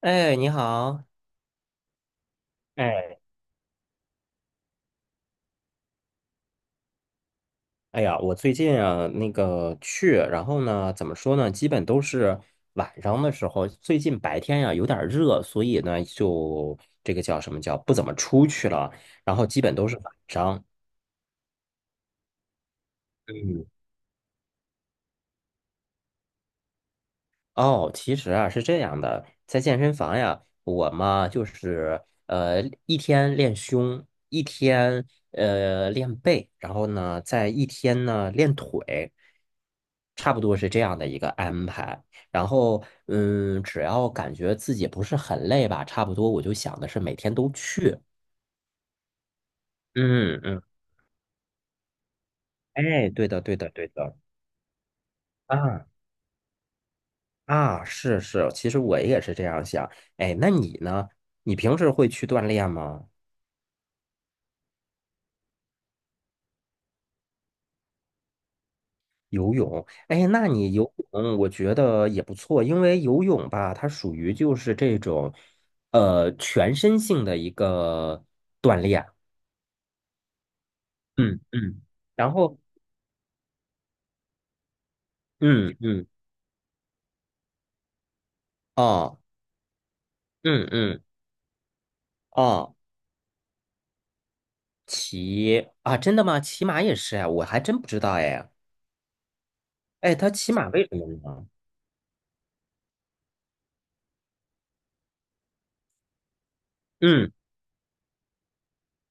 哎，你好。哎，哎呀，我最近啊，那个去，然后呢，怎么说呢？基本都是晚上的时候。最近白天呀，有点儿热，所以呢，就这个叫什么叫不怎么出去了。然后基本都是晚上。嗯。哦，其实啊是这样的，在健身房呀，我嘛就是一天练胸，一天练背，然后呢在一天呢练腿，差不多是这样的一个安排。然后嗯，只要感觉自己不是很累吧，差不多我就想的是每天都去。嗯嗯，哎，对的对的对的，啊啊，是是，其实我也是这样想。哎，那你呢？你平时会去锻炼吗？游泳，哎，那你游泳我觉得也不错，因为游泳吧，它属于就是这种，全身性的一个锻炼。嗯嗯，然后嗯嗯，哦，嗯嗯，哦，骑啊，真的吗？骑马也是哎，我还真不知道哎，哎，他骑马为什么呢？嗯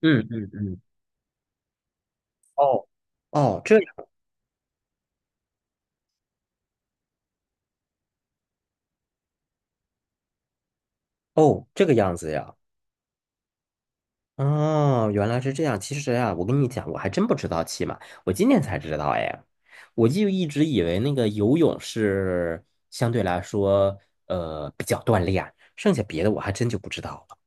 嗯嗯嗯，哦哦，这样，哦，这个样子呀。哦，原来是这样。其实啊，我跟你讲，我还真不知道骑马，我今天才知道哎。我就一直以为那个游泳是相对来说，比较锻炼，剩下别的我还真就不知道了。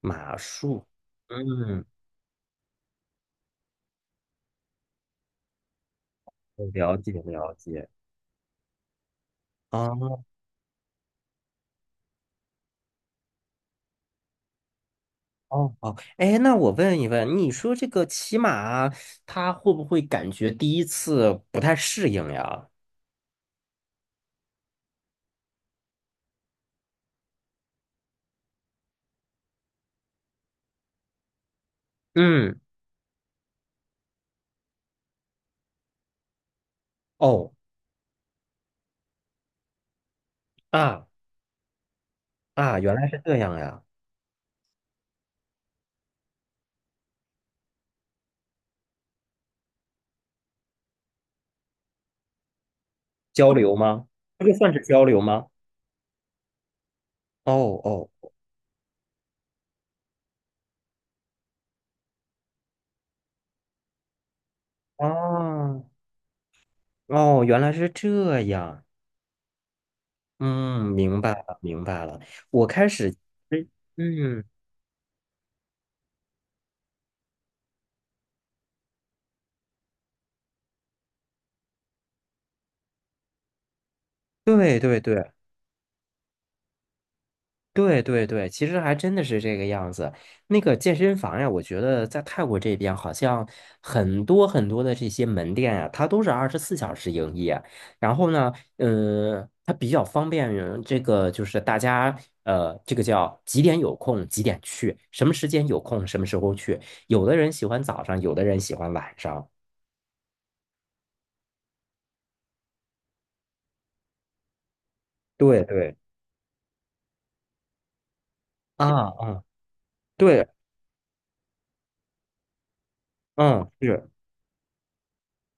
马术，嗯，我了解了解。哦哦哦，哎，那我问一问，你说这个骑马，它会不会感觉第一次不太适应呀？嗯，哦，啊啊，原来是这样呀。交流吗？这个算是交流吗？哦哦哦哦，原来是这样。嗯，明白了，明白了。我开始，嗯，对对对，对对对，其实还真的是这个样子。那个健身房呀，我觉得在泰国这边好像很多很多的这些门店呀，它都是24小时营业。然后呢，嗯，它比较方便于这个就是大家这个叫几点有空几点去，什么时间有空什么时候去。有的人喜欢早上，有的人喜欢晚上。对对，啊啊，对，嗯，是。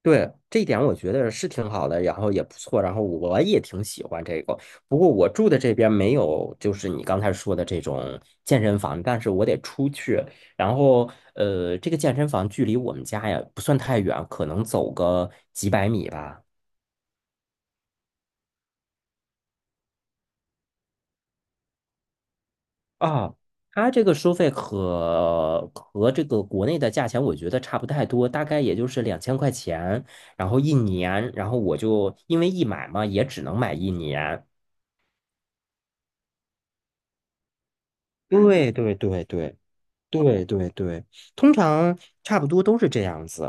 对，这一点我觉得是挺好的，然后也不错，然后我也挺喜欢这个。不过我住的这边没有，就是你刚才说的这种健身房，但是我得出去。然后，这个健身房距离我们家呀不算太远，可能走个几百米吧。啊，它这个收费和这个国内的价钱我觉得差不太多，大概也就是2000块钱，然后一年，然后我就因为一买嘛，也只能买一年。对对对对。对对对，通常差不多都是这样子。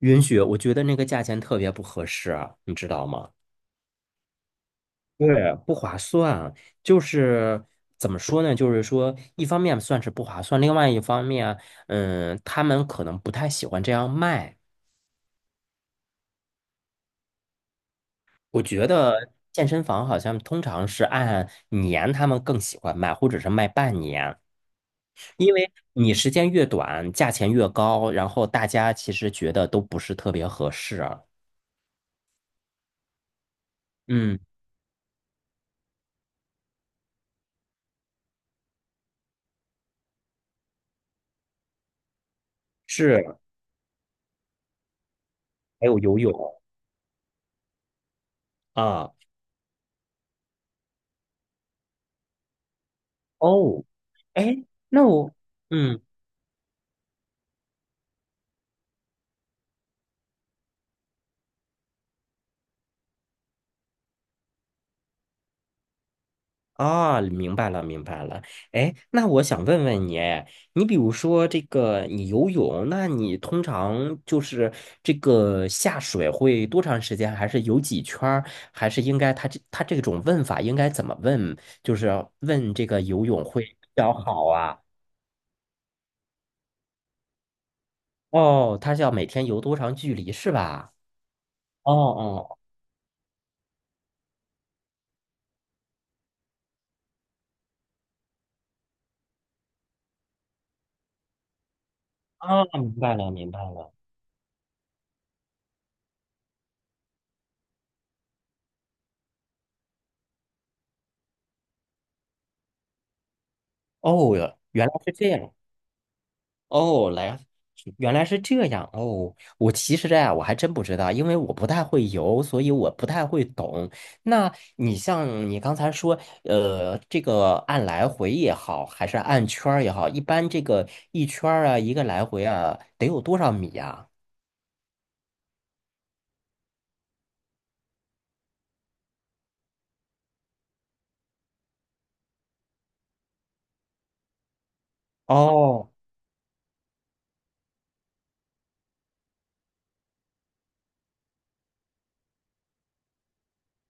允许，我觉得那个价钱特别不合适啊，你知道吗？对，不划算。就是怎么说呢？就是说，一方面算是不划算，另外一方面，嗯，他们可能不太喜欢这样卖。我觉得健身房好像通常是按年，他们更喜欢卖，或者是卖半年，因为你时间越短，价钱越高，然后大家其实觉得都不是特别合适啊。嗯。是，还有游泳啊。哦，哎，那我，嗯，啊，明白了，明白了。哎，那我想问问你，哎你比如说这个，你游泳，那你通常就是这个下水会多长时间？还是游几圈儿？还是应该他这种问法应该怎么问？就是问这个游泳会比较好啊？哦，他是要每天游多长距离是吧？哦哦，啊，明白了，明白了。哦，原来是这样。哦，来，原来是这样。哦，我其实啊，我还真不知道，因为我不太会游，所以我不太会懂。那你像你刚才说，这个按来回也好，还是按圈儿也好，一般这个一圈儿啊，一个来回啊，得有多少米呀？哦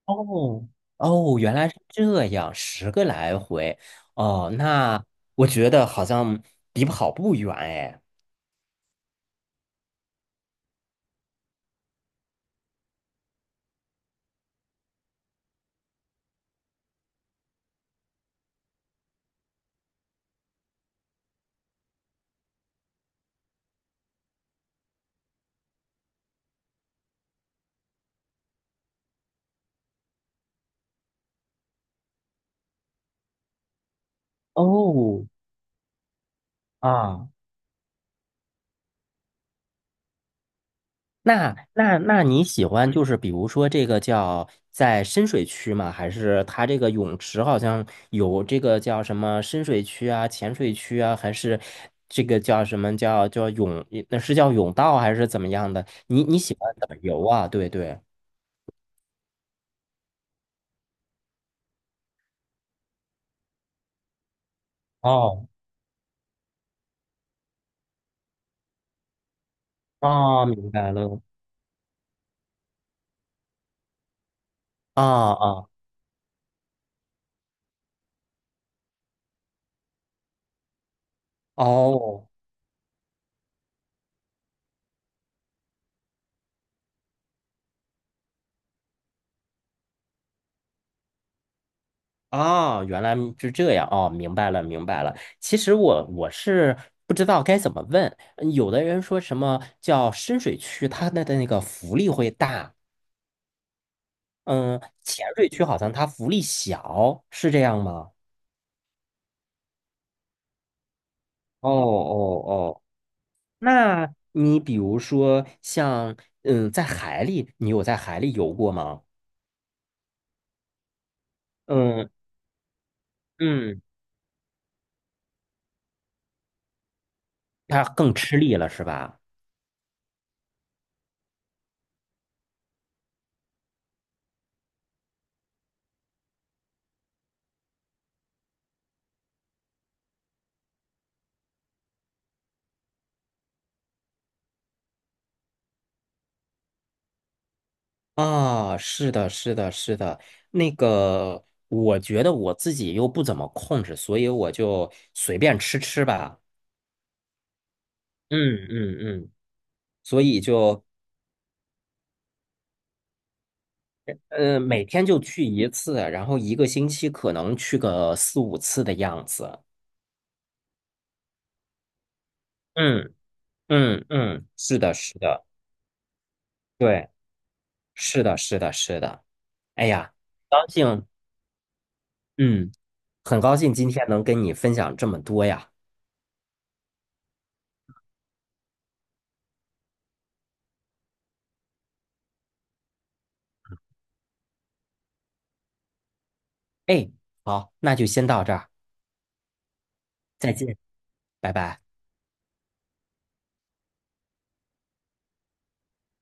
哦哦，原来是这样，10个来回。哦，那我觉得好像离跑步远哎。哦啊。那你喜欢就是比如说这个叫在深水区吗？还是它这个泳池好像有这个叫什么深水区啊、浅水区啊，还是这个叫什么叫叫泳？那是叫泳道还是怎么样的？你你喜欢怎么游啊？对对。哦哦，明白了。啊啊哦。哦，原来是这样，哦，明白了，明白了。其实我是不知道该怎么问。嗯有的人说什么叫深水区，它的那个浮力会大，嗯，浅水区好像它浮力小，是这样吗？哦哦哦，那你比如说像嗯，在海里，你有在海里游过吗？嗯嗯，它更吃力了是吧？啊，是的，是的，是的，那个，我觉得我自己又不怎么控制，所以我就随便吃吃吧。嗯嗯嗯，所以就每天就去一次，然后一个星期可能去个四五次的样子。嗯嗯嗯，是的，是的，对，是的，是的，是的。哎呀，高兴，嗯，很高兴今天能跟你分享这么多呀。哎，好，那就先到这儿，再见，拜拜。